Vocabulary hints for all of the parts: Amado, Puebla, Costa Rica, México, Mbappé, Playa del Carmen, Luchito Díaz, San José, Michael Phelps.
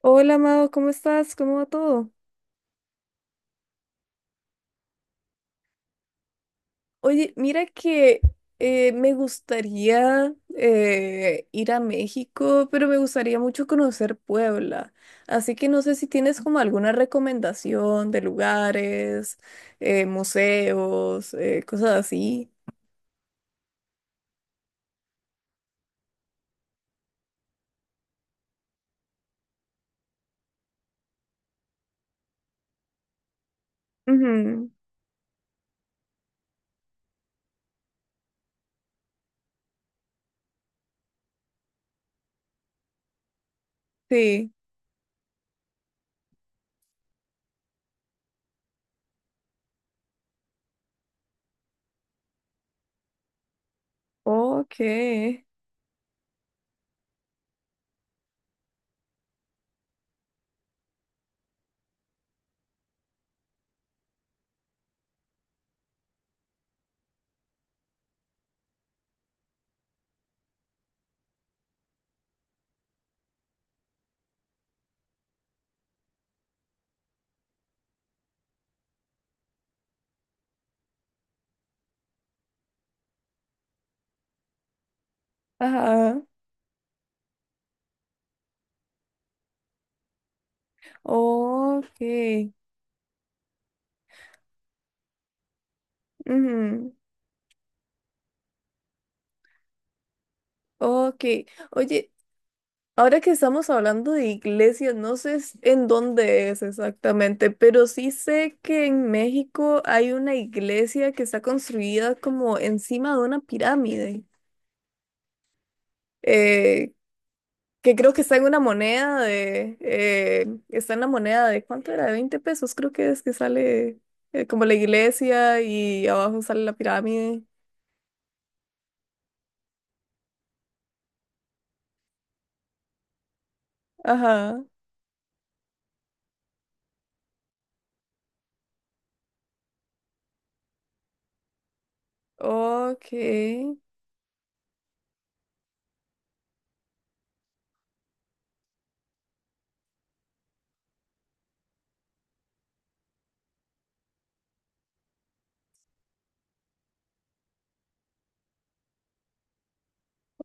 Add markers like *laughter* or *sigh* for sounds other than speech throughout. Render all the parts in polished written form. Hola, Amado, ¿cómo estás? ¿Cómo va todo? Oye, mira que me gustaría ir a México, pero me gustaría mucho conocer Puebla. Así que no sé si tienes como alguna recomendación de lugares, museos, cosas así. Ujú. Sí. Ok. Ajá. Ok. Ujú. Ok. Oye, ahora que estamos hablando de iglesias, no sé en dónde es exactamente, pero sí sé que en México hay una iglesia que está construida como encima de una pirámide, eh, que creo que está en una moneda de, está en la moneda de, ¿cuánto era? De 20 pesos, creo que es que sale como la iglesia y abajo sale la pirámide. Ajá. Ok.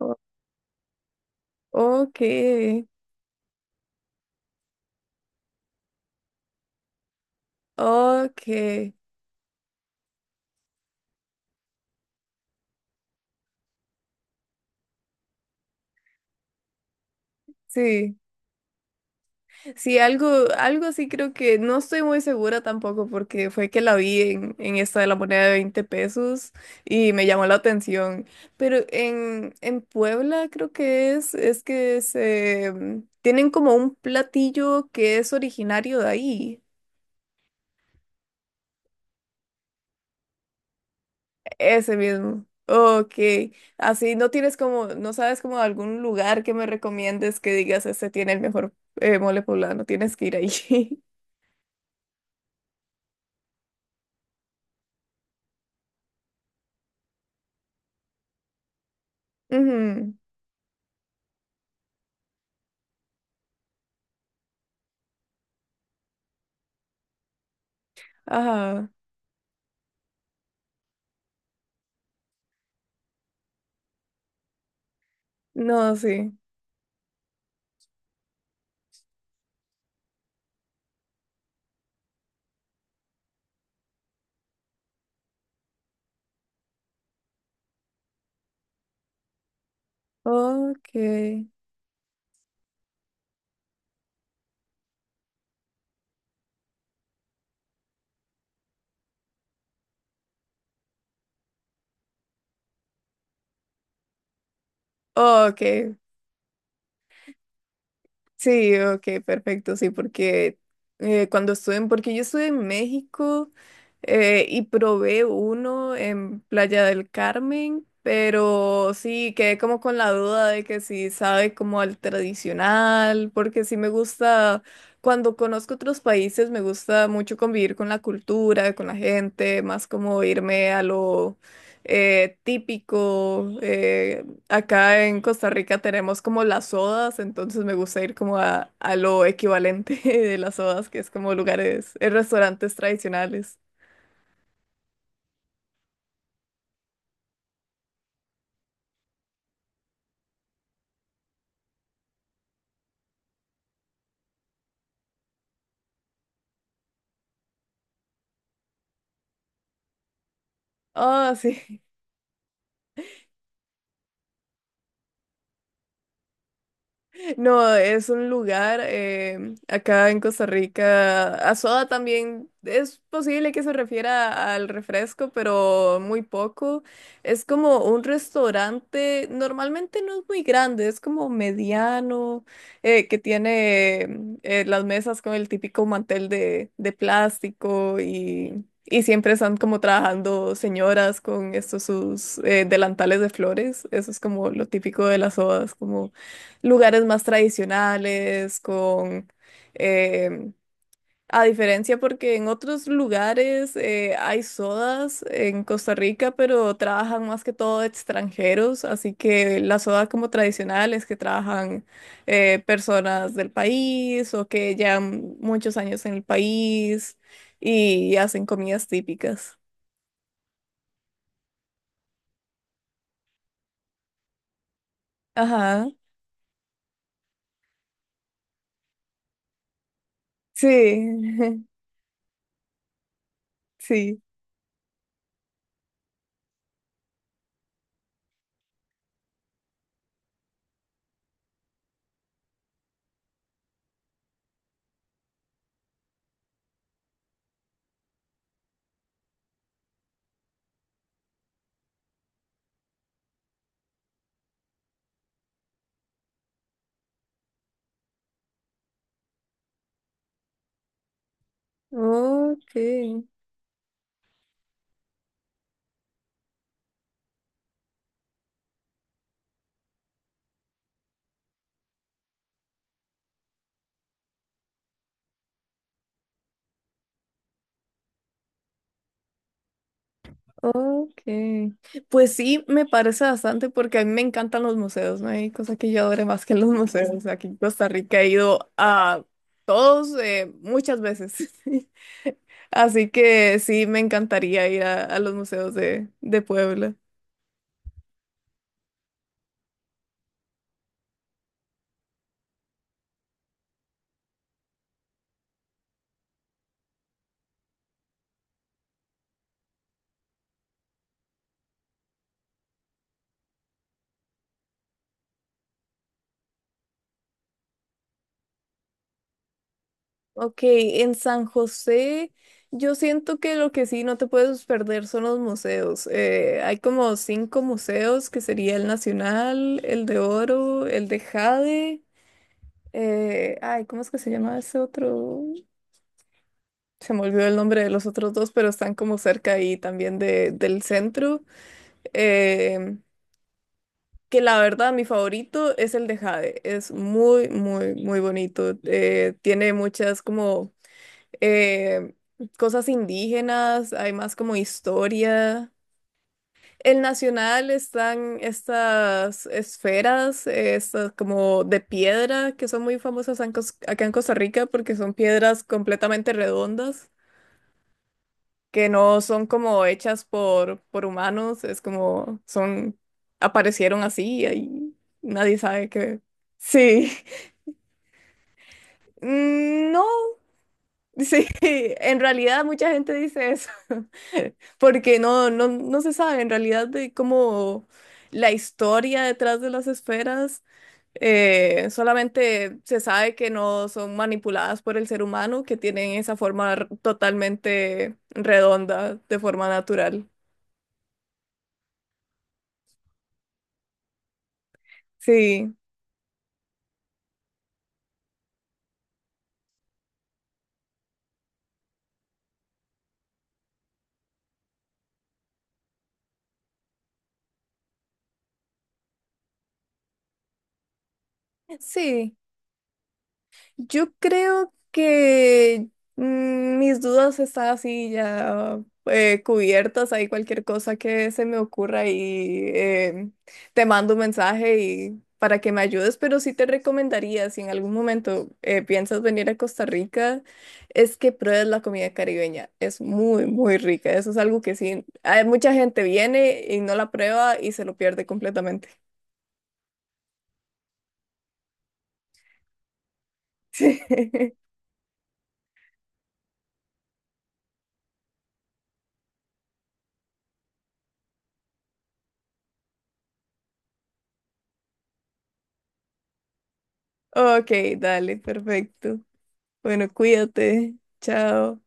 o- Ok. Ok. Sí, sí, algo, algo sí creo que no estoy muy segura tampoco porque fue que la vi en esta de la moneda de 20 pesos y me llamó la atención. Pero en Puebla creo que es que se tienen como un platillo que es originario de ahí. Ese mismo. Ok. Así no tienes como, no sabes como algún lugar que me recomiendes que digas este tiene el mejor mole poblano, tienes que ir ahí. *laughs* Ujú. Ajá. No, sí. Okay, okay, sí, okay, perfecto, sí, porque cuando estuve en, porque yo estuve en México y probé uno en Playa del Carmen, pero sí, quedé como con la duda de que si sabe como al tradicional, porque sí me gusta, cuando conozco otros países me gusta mucho convivir con la cultura, con la gente, más como irme a lo típico. Eh, acá en Costa Rica tenemos como las sodas, entonces me gusta ir como a lo equivalente *laughs* de las sodas, que es como lugares, restaurantes tradicionales. Ah, sí. No, es un lugar, acá en Costa Rica. A soda también es posible que se refiera al refresco, pero muy poco. Es como un restaurante, normalmente no es muy grande, es como mediano, que tiene las mesas con el típico mantel de plástico y siempre están como trabajando señoras con estos sus delantales de flores. Eso es como lo típico de las sodas, como lugares más tradicionales, con em, a diferencia porque en otros lugares hay sodas en Costa Rica, pero trabajan más que todo extranjeros, así que la soda como tradicional es que trabajan personas del país o que llevan muchos años en el país y hacen comidas típicas. Ajá, sí, *laughs* sí. Ok. Ok. Pues sí, me parece bastante porque a mí me encantan los museos, no hay cosa que yo adore más que los *laughs* museos. Aquí en Costa Rica he ido a todos, muchas veces, *laughs* así que sí, me encantaría ir a los museos de Puebla. Ok, en San José yo siento que lo que sí no te puedes perder son los museos. Hay como cinco museos que sería el Nacional, el de Oro, el de Jade. Ay, ¿cómo es que se llama ese otro? Se me olvidó el nombre de los otros dos, pero están como cerca ahí también de, del centro. Eh, que la verdad, mi favorito es el de Jade. Es muy, muy, muy bonito. Tiene muchas como eh, cosas indígenas, hay más como historia. El Nacional están estas esferas, estas como de piedra, que son muy famosas en acá en Costa Rica porque son piedras completamente redondas, que no son como hechas por humanos, es como son, aparecieron así y ahí nadie sabe qué. Sí. *laughs* Mm, no. Sí, *laughs* en realidad mucha gente dice eso, *laughs* porque no, no, no se sabe en realidad de cómo la historia detrás de las esferas, solamente se sabe que no son manipuladas por el ser humano, que tienen esa forma totalmente redonda, de forma natural. Sí, sí. Yo creo que mis dudas están así ya cubiertas. Hay cualquier cosa que se me ocurra y te mando un mensaje y para que me ayudes. Pero sí te recomendaría, si en algún momento piensas venir a Costa Rica, es que pruebes la comida caribeña. Es muy, muy rica. Eso es algo que sí, hay mucha gente viene y no la prueba y se lo pierde completamente. *laughs* Ok, dale, perfecto. Bueno, cuídate. Chao.